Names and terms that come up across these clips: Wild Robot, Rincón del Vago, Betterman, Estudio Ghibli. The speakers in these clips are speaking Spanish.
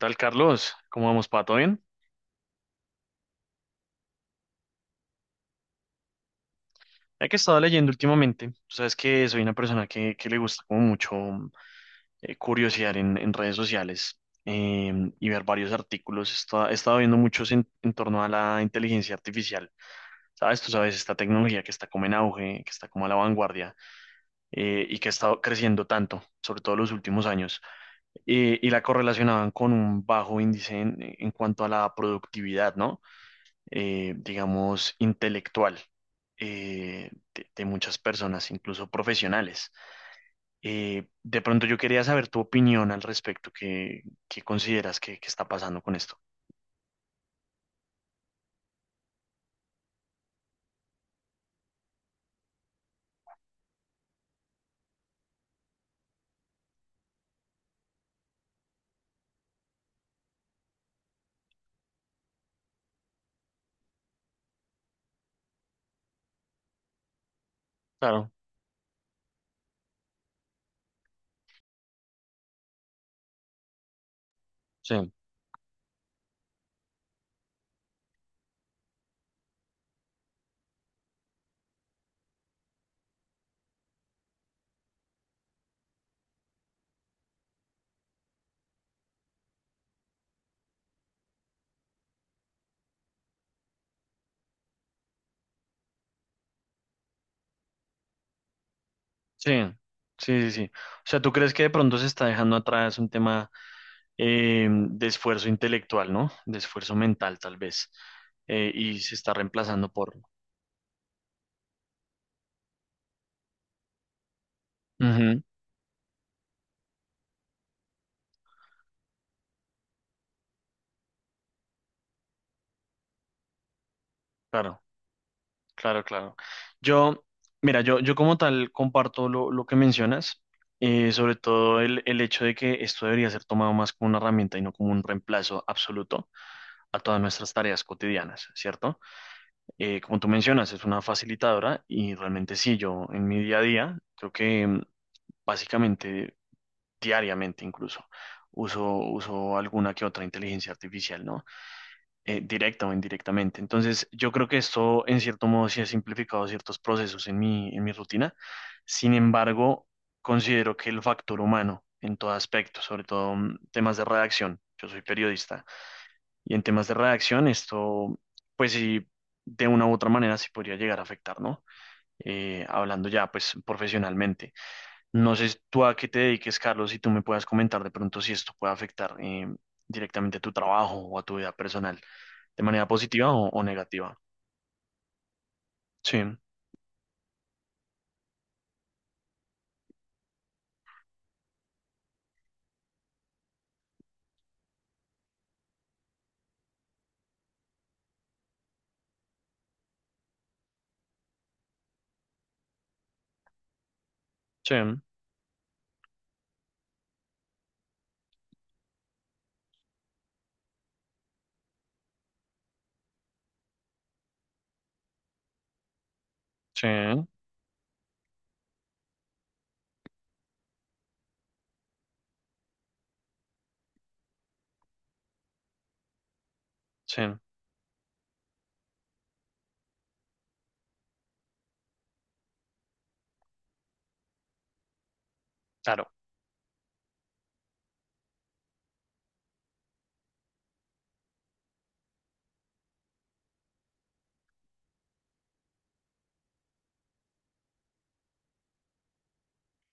Tal Carlos, ¿cómo vamos, pato? ¿Bien? Ya que he estado leyendo últimamente, tú sabes que soy una persona que le gusta como mucho curiosear en redes sociales y ver varios artículos. He estado viendo muchos en torno a la inteligencia artificial. ¿Sabes? Tú sabes, esta tecnología que está como en auge, que está como a la vanguardia y que ha estado creciendo tanto, sobre todo en los últimos años, y la correlacionaban con un bajo índice en cuanto a la productividad, ¿no? Digamos, intelectual de muchas personas, incluso profesionales. De pronto yo quería saber tu opinión al respecto, ¿qué consideras que está pasando con esto? Claro, sí, sí, sí, sí, sí. O sea, ¿tú crees que de pronto se está dejando atrás un tema de esfuerzo intelectual? ¿No? De esfuerzo mental, tal vez, y se está reemplazando por... Ujú. Claro. Claro, claro. Yo, mira, yo como tal comparto lo que mencionas, sobre todo el hecho de que esto debería ser tomado más como una herramienta y no como un reemplazo absoluto a todas nuestras tareas cotidianas, ¿cierto? Como tú mencionas, es una facilitadora y realmente sí, yo en mi día a día, creo que básicamente diariamente incluso, uso alguna que otra inteligencia artificial, ¿no? Directa o indirectamente. Entonces, yo creo que esto, en cierto modo, sí ha simplificado ciertos procesos en mi rutina. Sin embargo, considero que el factor humano en todo aspecto, sobre todo temas de redacción, yo soy periodista, y en temas de redacción, esto, pues sí, de una u otra manera sí podría llegar a afectar, ¿no? Hablando ya pues profesionalmente. No sé tú a qué te dediques, Carlos, si tú me puedas comentar de pronto si esto puede afectar directamente a tu trabajo o a tu vida personal de manera positiva o negativa. Sí, sí, sí, sí, claro,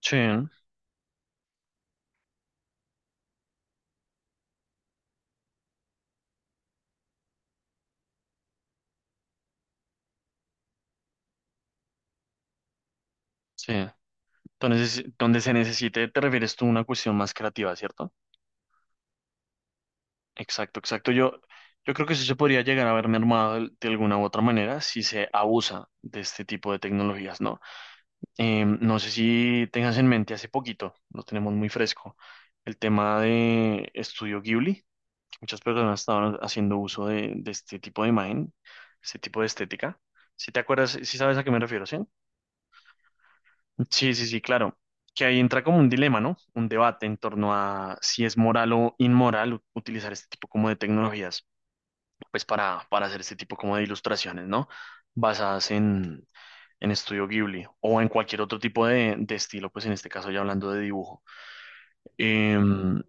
sí, sí. Entonces, donde se necesite, te refieres tú a una cuestión más creativa, ¿cierto? Exacto, exacto. Yo creo que eso se podría llegar a ver mermado de alguna u otra manera si se abusa de este tipo de tecnologías, ¿no? No sé si tengas en mente hace poquito, lo tenemos muy fresco, el tema de Estudio Ghibli. Muchas personas estaban haciendo uso de este tipo de imagen, este tipo de estética. Si te acuerdas, si sabes a qué me refiero, ¿sí? Sí, sí, sí, claro. Que ahí entra como un dilema, ¿no? Un debate en torno a si es moral o inmoral utilizar este tipo como de tecnologías, pues para hacer este tipo como de ilustraciones, ¿no? Basadas en Estudio Ghibli o en cualquier otro tipo de estilo, pues en este caso ya hablando de dibujo. Em,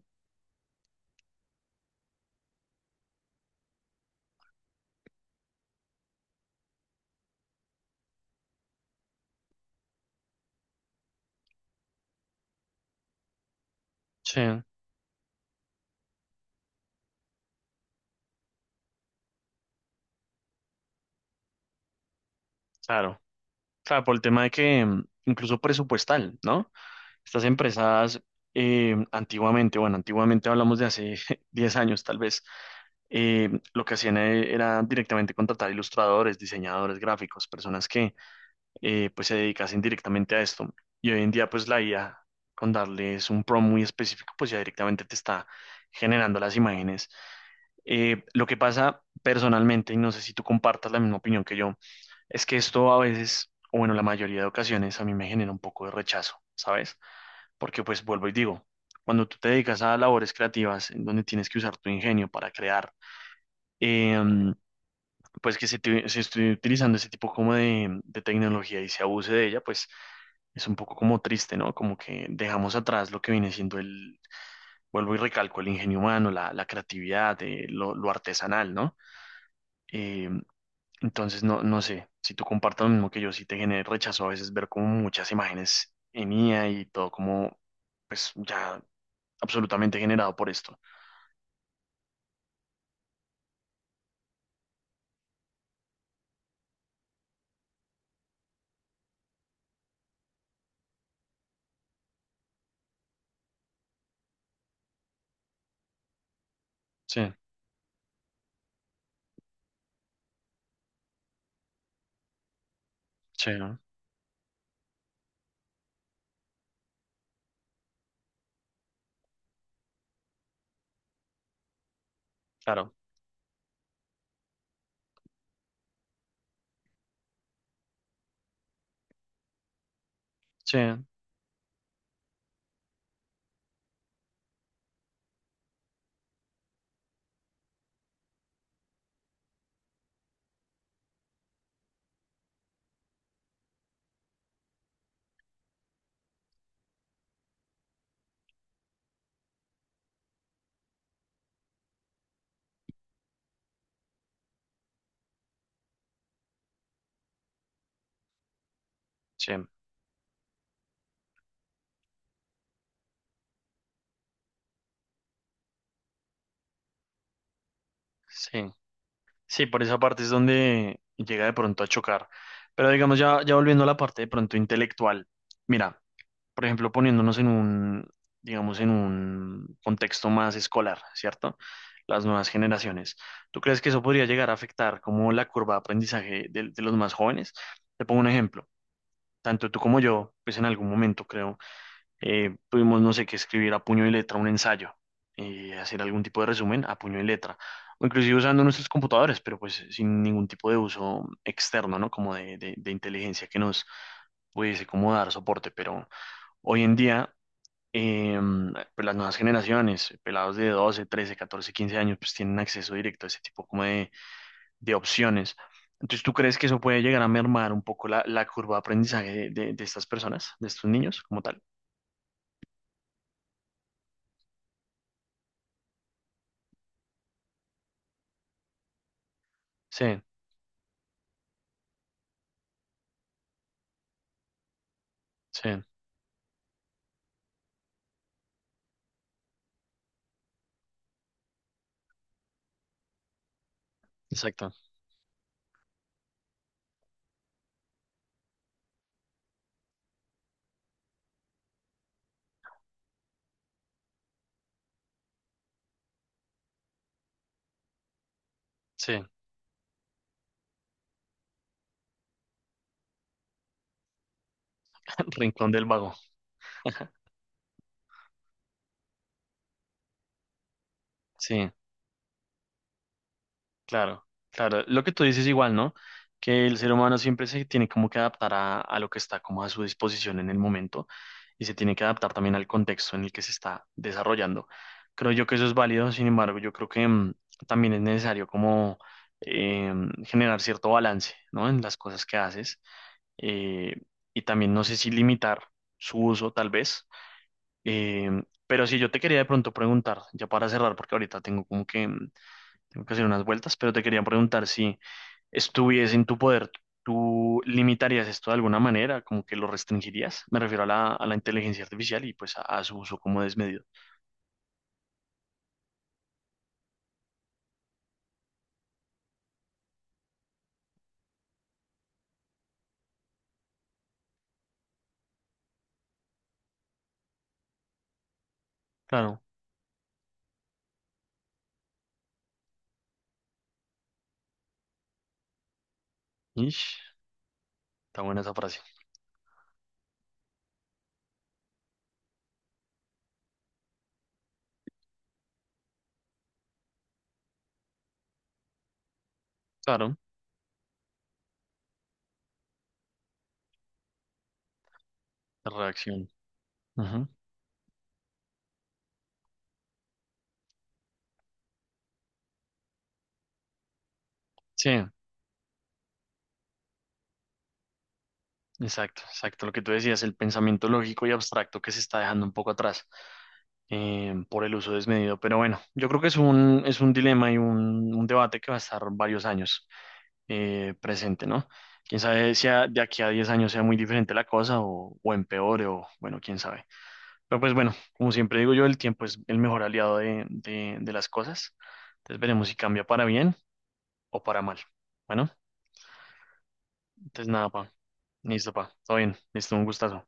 sí, claro, claro, por el tema de que incluso presupuestal, ¿no? Estas empresas antiguamente, bueno, antiguamente hablamos de hace 10 años tal vez, lo que hacían era directamente contratar ilustradores, diseñadores gráficos, personas que pues se dedicasen directamente a esto. Y hoy en día, pues la IA, con darles un prompt muy específico, pues ya directamente te está generando las imágenes. Lo que pasa personalmente, y no sé si tú compartas la misma opinión que yo, es que esto a veces, o bueno, la mayoría de ocasiones, a mí me genera un poco de rechazo, ¿sabes? Porque pues vuelvo y digo, cuando tú te dedicas a labores creativas, en donde tienes que usar tu ingenio para crear, eh, pues que se, se esté utilizando ese tipo como de tecnología y se abuse de ella, pues es un poco como triste, ¿no? Como que dejamos atrás lo que viene siendo el, vuelvo y recalco, el ingenio humano, la creatividad, lo artesanal, ¿no? Eh, entonces, no, no sé, si tú compartas lo mismo que yo, si te genera rechazo a veces ver como muchas imágenes en IA y todo como, pues ya absolutamente generado por esto. Sí, sí, ¿no? Claro, sí, sí, sí. Sí, por esa parte es donde llega de pronto a chocar. Pero digamos, ya, ya volviendo a la parte de pronto intelectual, mira, por ejemplo, poniéndonos en un, digamos, en un contexto más escolar, ¿cierto? Las nuevas generaciones. ¿Tú crees que eso podría llegar a afectar como la curva de aprendizaje de los más jóvenes? Te pongo un ejemplo. Tanto tú como yo, pues en algún momento creo tuvimos, no sé, que escribir a puño y letra un ensayo y hacer algún tipo de resumen a puño y letra, o inclusive usando nuestros computadores, pero pues sin ningún tipo de uso externo, ¿no? Como de inteligencia que nos pudiese como dar soporte, pero hoy en día... eh, pues las nuevas generaciones, pelados de 12 13 14 15 años, pues tienen acceso directo a ese tipo como de opciones. Entonces, ¿tú crees que eso puede llegar a mermar un poco la curva de aprendizaje de, de estas personas, de estos niños como tal? Sí, sí. Exacto, sí, Rincón del Vago, sí, claro, claro, lo que tú dices igual, ¿no? Que el ser humano siempre se tiene como que adaptar a lo que está como a su disposición en el momento y se tiene que adaptar también al contexto en el que se está desarrollando. Creo yo que eso es válido, sin embargo, yo creo que también es necesario como eh, generar cierto balance, ¿no? En las cosas que haces eh, y también no sé si limitar su uso tal vez. Eh, pero sí, yo te quería de pronto preguntar, ya para cerrar, porque ahorita tengo como que, tengo que hacer unas vueltas, pero te quería preguntar si estuviese en tu poder, ¿tú limitarías esto de alguna manera? ¿Como que lo restringirías? Me refiero a la inteligencia artificial y pues a su uso como desmedido. Claro. Ish, está buena esa frase. Claro, la reacción. Ujú. Sí, exacto, exacto. Lo que tú decías, el pensamiento lógico y abstracto que se está dejando un poco atrás. Por el uso desmedido. Pero bueno, yo creo que es un dilema y un debate que va a estar varios años presente, ¿no? Quién sabe si de aquí a 10 años sea muy diferente la cosa o empeore o bueno, quién sabe. Pero pues bueno, como siempre digo yo, el tiempo es el mejor aliado de las cosas. Entonces veremos si cambia para bien o para mal. Bueno, entonces nada, pa. Listo, pa. Todo bien. Listo, un gustazo.